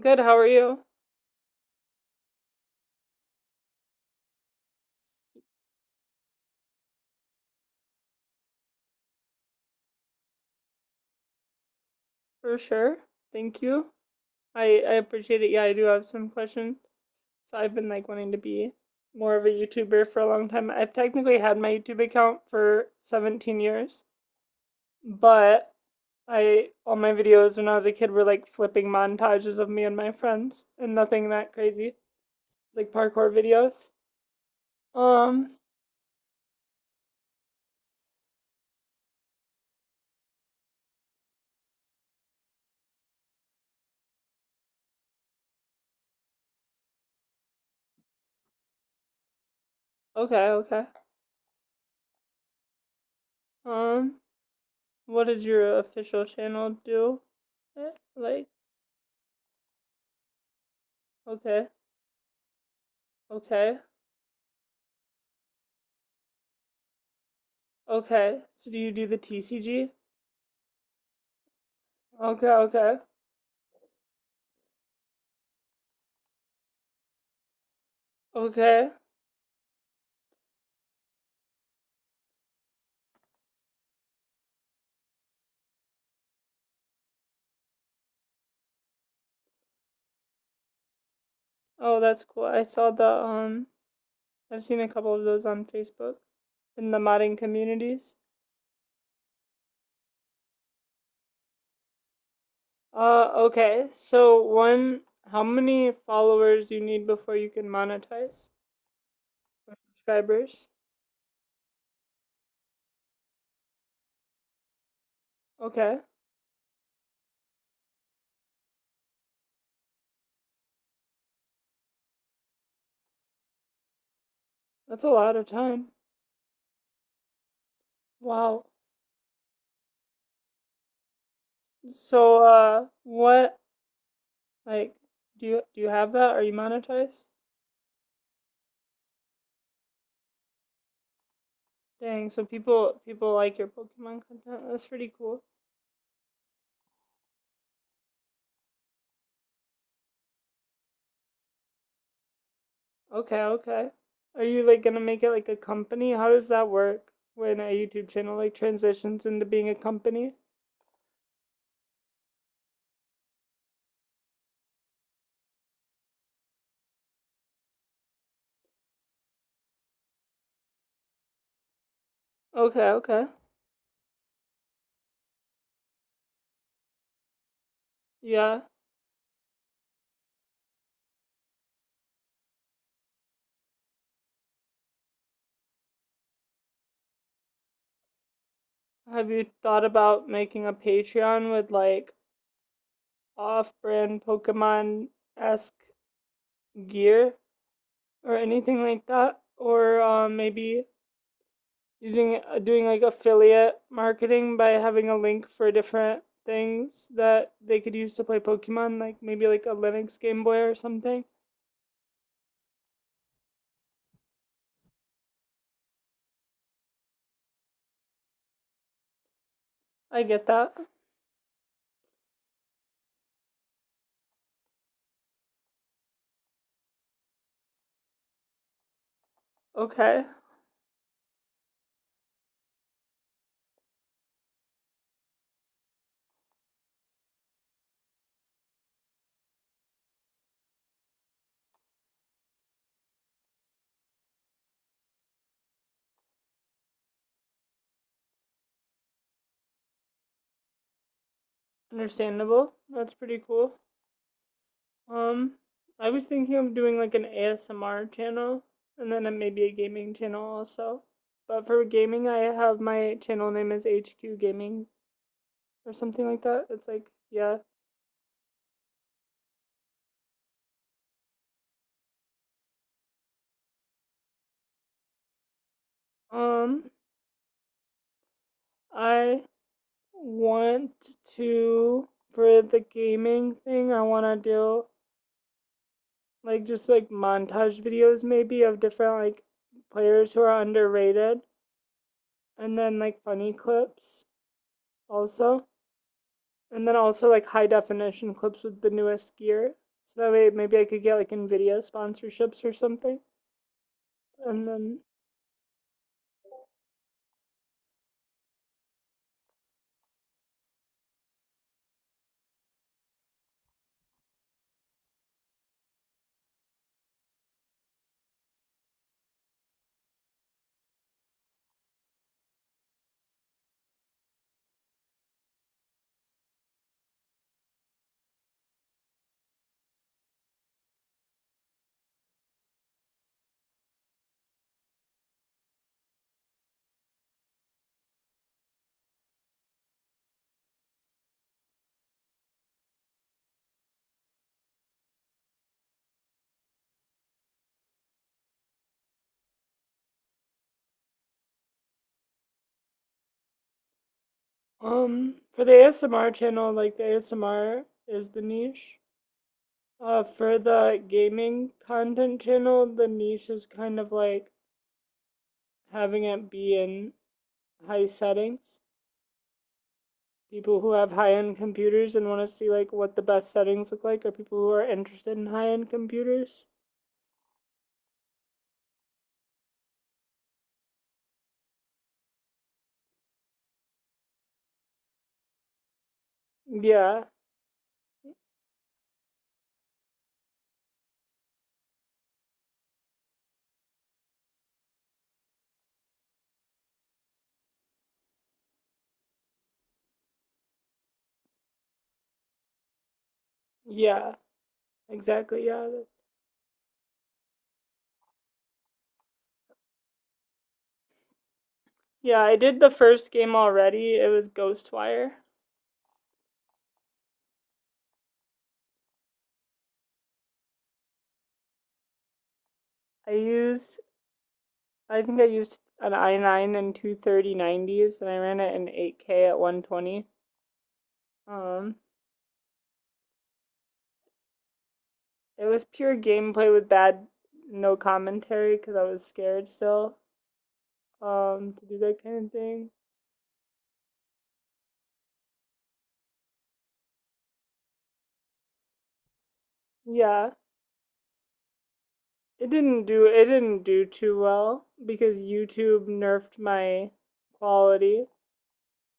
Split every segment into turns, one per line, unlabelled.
Good. How are you? For sure. Thank you. I appreciate it. Yeah, I do have some questions. So I've been, like, wanting to be more of a YouTuber for a long time. I've technically had my YouTube account for 17 years, but I, all my videos when I was a kid were like flipping montages of me and my friends and nothing that crazy. Like, parkour videos. Um, okay, okay. Um, what did your official channel do? Eh, Like, okay, okay. Okay. So do you do the TCG? Okay, okay. Okay. Oh, that's cool. I saw the I've seen a couple of those on Facebook in the modding communities. Okay. So, one, how many followers you need before you can monetize, or subscribers? Okay. That's a lot of time. Wow. So, what, like, do you have that? Are you monetized? Dang, so people like your Pokemon content. That's pretty cool. Okay, okay. Are you, like, gonna make it like a company? How does that work when a YouTube channel, like, transitions into being a company? Okay, okay. Yeah. Have you thought about making a Patreon with like off-brand Pokemon-esque gear or anything like that? Or, maybe using, doing like affiliate marketing by having a link for different things that they could use to play Pokemon, like maybe like a Linux Game Boy or something? I get that. Okay, understandable. That's pretty cool. Um, I was thinking of doing like an ASMR channel and then maybe a gaming channel also. But for gaming, I have, my channel name is HQ Gaming or something like that. It's like, yeah. Um, I want to, for the gaming thing, I want to do like just like montage videos maybe of different like players who are underrated, and then like funny clips also. And then also like high definition clips with the newest gear. So that way maybe I could get like Nvidia sponsorships or something. And then for the ASMR channel, like, the ASMR is the niche. For the gaming content channel, the niche is kind of like having it be in high settings. People who have high-end computers and want to see like what the best settings look like are people who are interested in high-end computers. Yeah. Yeah. Exactly. Yeah. Yeah, I did the first game already. It was Ghostwire. I used, I think I used an i9 and two 3090s, and I ran it in 8K at 120. Um, it was pure gameplay with no commentary because I was scared still, to do that kind of thing. Yeah, it didn't do too well because YouTube nerfed my quality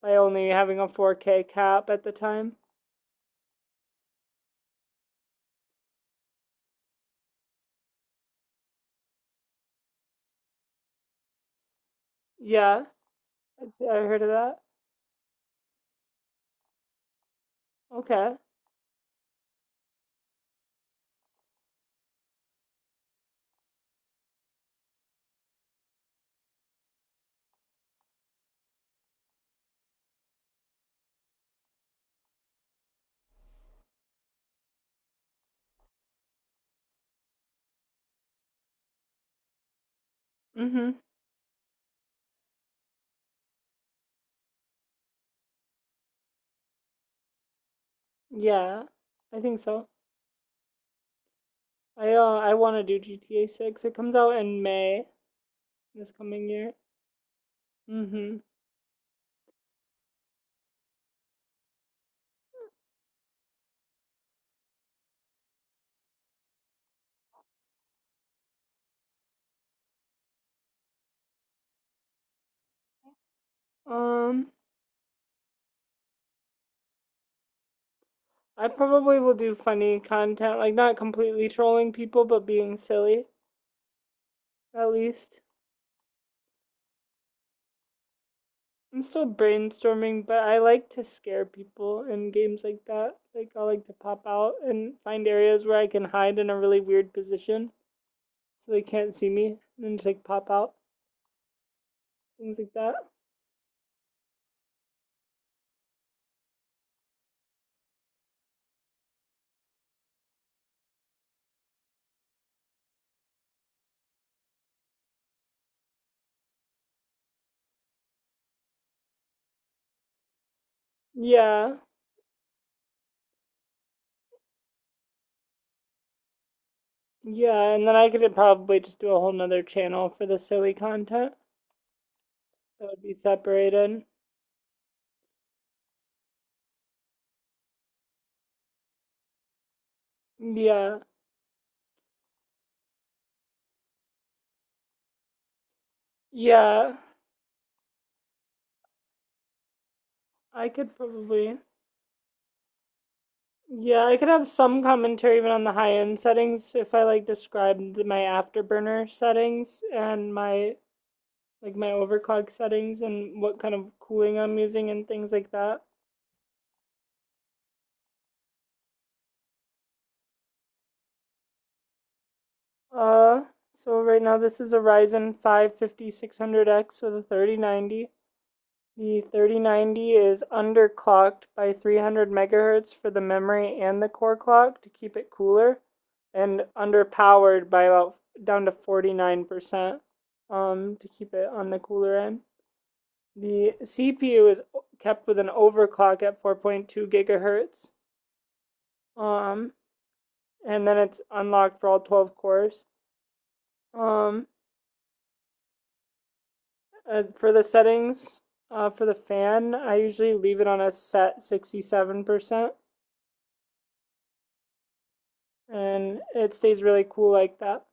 by only having a 4K cap at the time. Yeah, I heard of that. Okay. Mm-hmm. Yeah, I think so. I want to do GTA 6. It comes out in May this coming year. Mm-hmm. Um, I probably will do funny content, like not completely trolling people, but being silly at least. I'm still brainstorming, but I like to scare people in games like that. Like, I like to pop out and find areas where I can hide in a really weird position so they can't see me and then just like pop out, things like that. Yeah. Yeah, and then I could probably just do a whole nother channel for the silly content that would be separated. Yeah, yeah, I could probably. Yeah, I could have some commentary even on the high end settings if I, like, described my afterburner settings and my overclock settings and what kind of cooling I'm using and things like that. Uh, so right now this is a Ryzen 5 5600X with a 3090. The 3090 is underclocked by 300 megahertz for the memory and the core clock to keep it cooler, and underpowered by about down to 49%, to keep it on the cooler end. The CPU is kept with an overclock at 4.2 gigahertz, um, and then it's unlocked for all 12 cores. Um, for the settings, for the fan, I usually leave it on a set 67%, and it stays really cool like that.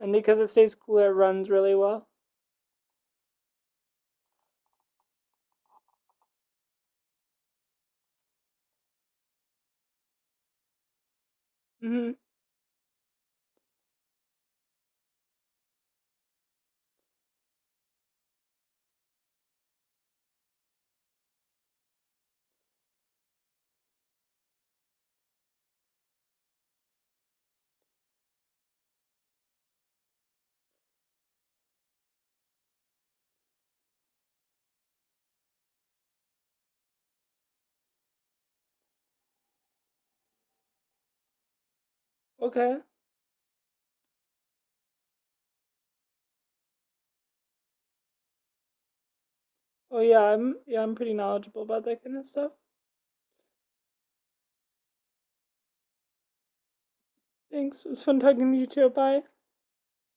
And because it stays cool, it runs really well. Hmm. Okay. Oh, yeah, I'm pretty knowledgeable about that kind of stuff. Thanks. It was fun talking to you too. Bye.